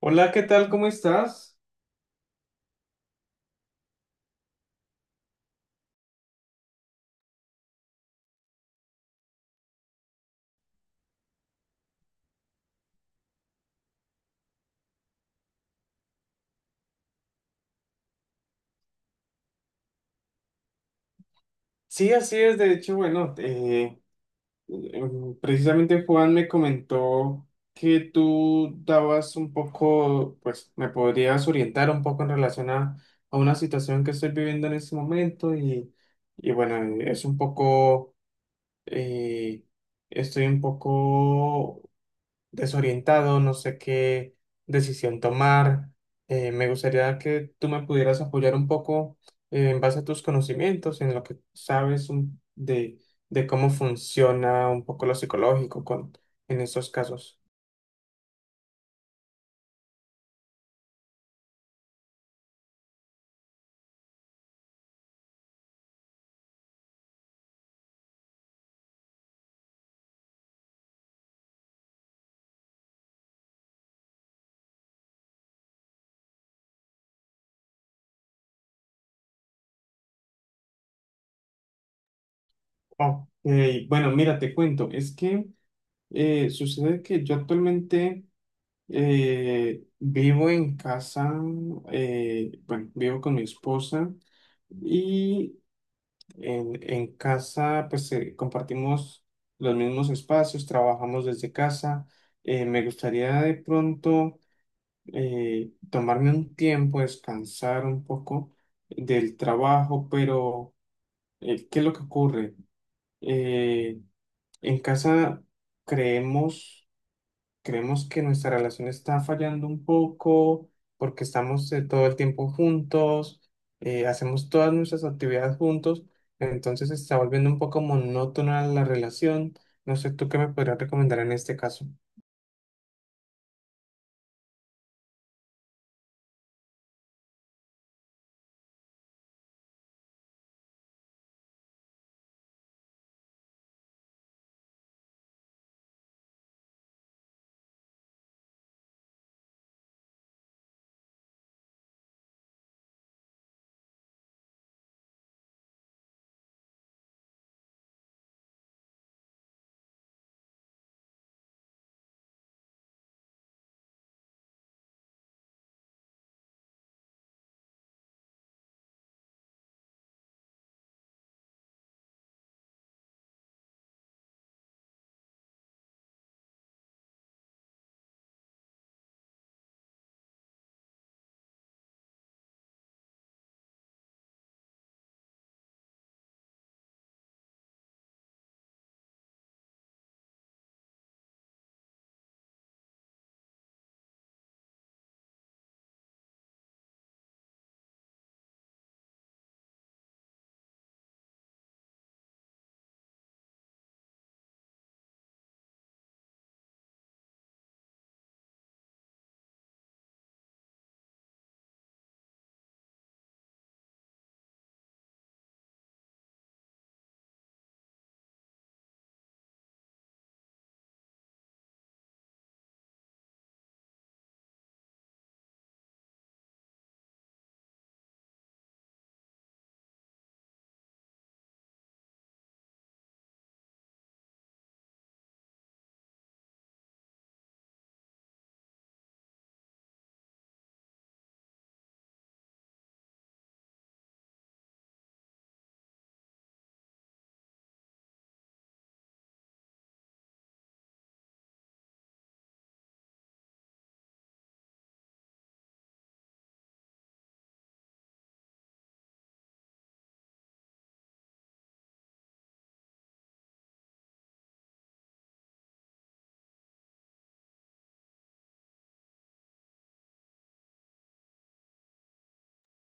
Hola, ¿qué tal? ¿Cómo estás? Sí, así es. De hecho, bueno, precisamente Juan me comentó que tú dabas un poco, pues me podrías orientar un poco en relación a una situación que estoy viviendo en este momento y bueno, es un poco, eh, estoy un poco desorientado, no sé qué decisión tomar. Me gustaría que tú me pudieras apoyar un poco en base a tus conocimientos, en lo que sabes de cómo funciona un poco lo psicológico con, en estos casos. Oh, bueno, mira, te cuento, es que sucede que yo actualmente vivo en casa, bueno, vivo con mi esposa. Y en casa, pues compartimos los mismos espacios, trabajamos desde casa. Me gustaría de pronto tomarme un tiempo, descansar un poco del trabajo, pero ¿qué es lo que ocurre? Eh, en casa creemos creemos que nuestra relación está fallando un poco porque estamos todo el tiempo juntos, hacemos todas nuestras actividades juntos, entonces se está volviendo un poco monótona la relación. No sé, ¿tú qué me podrías recomendar en este caso?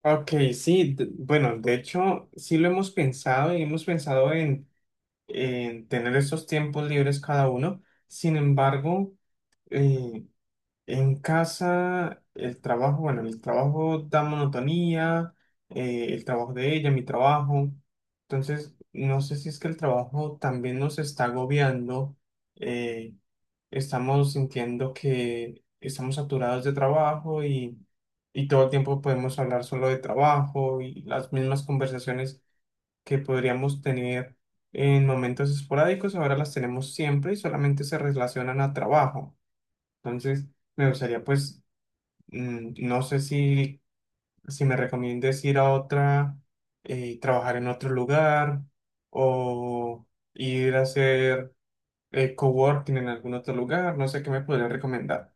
Ok, sí, bueno, de hecho, sí lo hemos pensado y hemos pensado en tener esos tiempos libres cada uno. Sin embargo, en casa, el trabajo, bueno, el trabajo da monotonía, el trabajo de ella, mi trabajo. Entonces, no sé si es que el trabajo también nos está agobiando, eh, estamos sintiendo que estamos saturados de trabajo y todo el tiempo podemos hablar solo de trabajo y las mismas conversaciones que podríamos tener en momentos esporádicos, ahora las tenemos siempre y solamente se relacionan a trabajo. Entonces, me gustaría pues no sé si, si me recomiendes ir a otra, trabajar en otro lugar o ir a hacer coworking en algún otro lugar. No sé qué me podrías recomendar.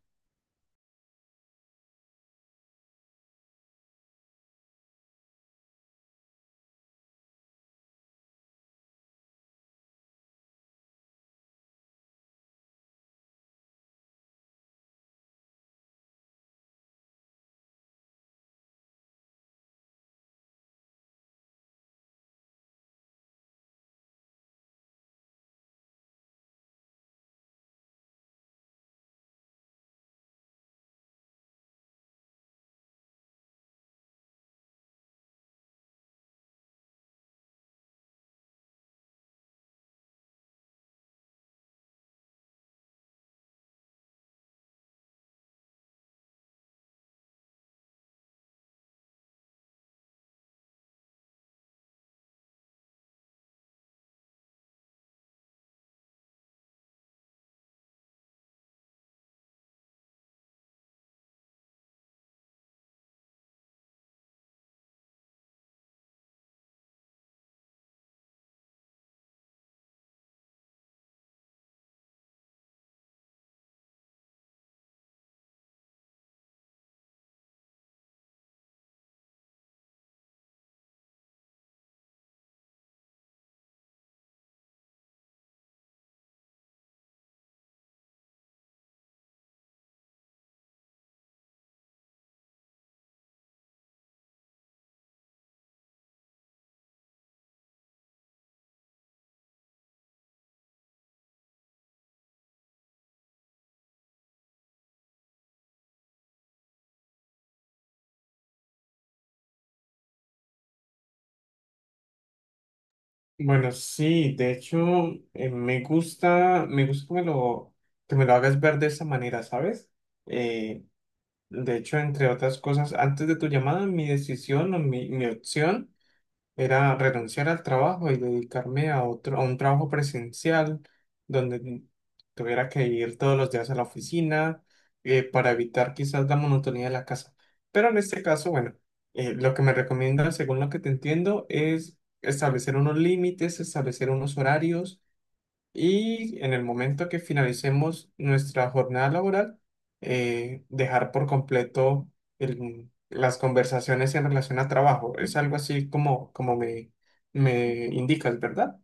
Bueno, sí, de hecho, me gusta que me lo hagas ver de esa manera, ¿sabes? Eh, de hecho, entre otras cosas, antes de tu llamada, mi decisión o mi opción era renunciar al trabajo y dedicarme a otro, a un trabajo presencial donde tuviera que ir todos los días a la oficina para evitar quizás la monotonía de la casa. Pero en este caso, bueno, lo que me recomienda, según lo que te entiendo, es establecer unos límites, establecer unos horarios y en el momento que finalicemos nuestra jornada laboral, dejar por completo las conversaciones en relación a trabajo. Es algo así como, como me indicas, ¿verdad?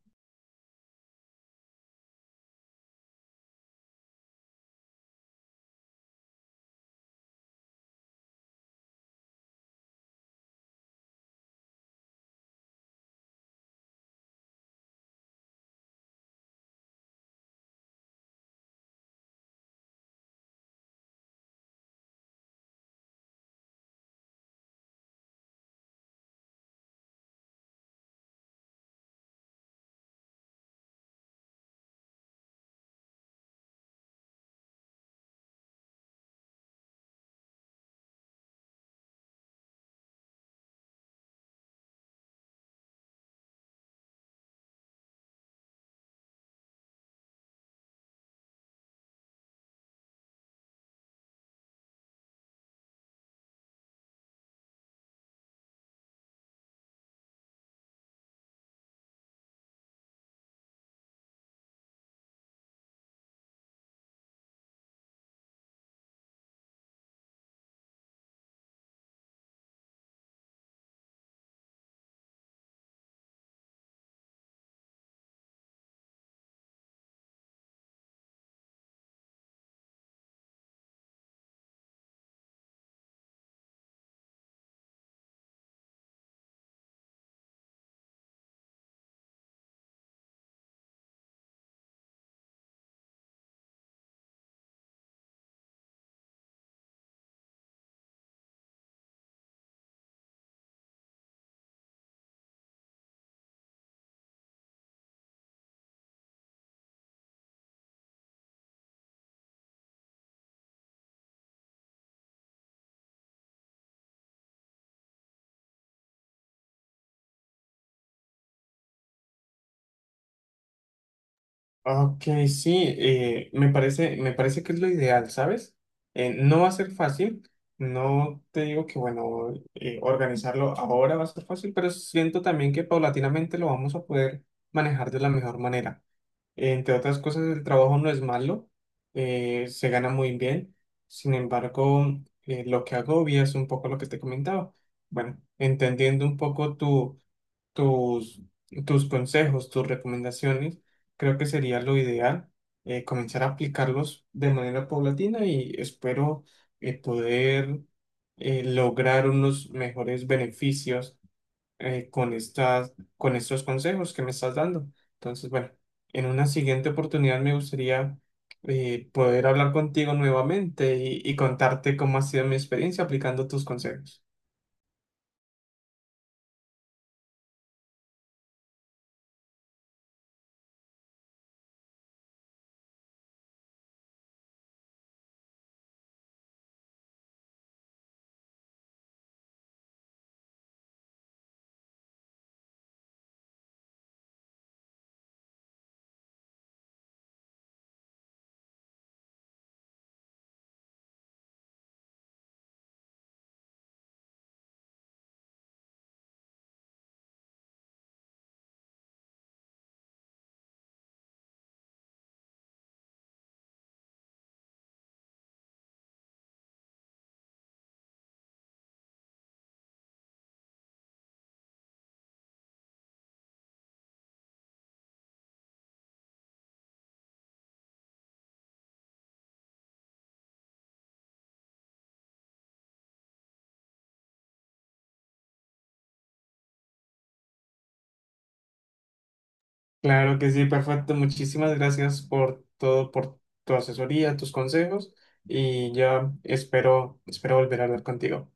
Ok, sí, me parece que es lo ideal, ¿sabes? No va a ser fácil, no te digo que, bueno, organizarlo ahora va a ser fácil, pero siento también que paulatinamente lo vamos a poder manejar de la mejor manera. Entre otras cosas, el trabajo no es malo, se gana muy bien. Sin embargo, lo que agobia es un poco lo que te comentaba. Bueno, entendiendo un poco tu, tus, tus consejos, tus recomendaciones, creo que sería lo ideal comenzar a aplicarlos de manera paulatina y espero poder lograr unos mejores beneficios con estas, con estos consejos que me estás dando. Entonces, bueno, en una siguiente oportunidad me gustaría poder hablar contigo nuevamente y contarte cómo ha sido mi experiencia aplicando tus consejos. Claro que sí, perfecto. Muchísimas gracias por todo, por tu asesoría, tus consejos y ya espero, espero volver a hablar contigo.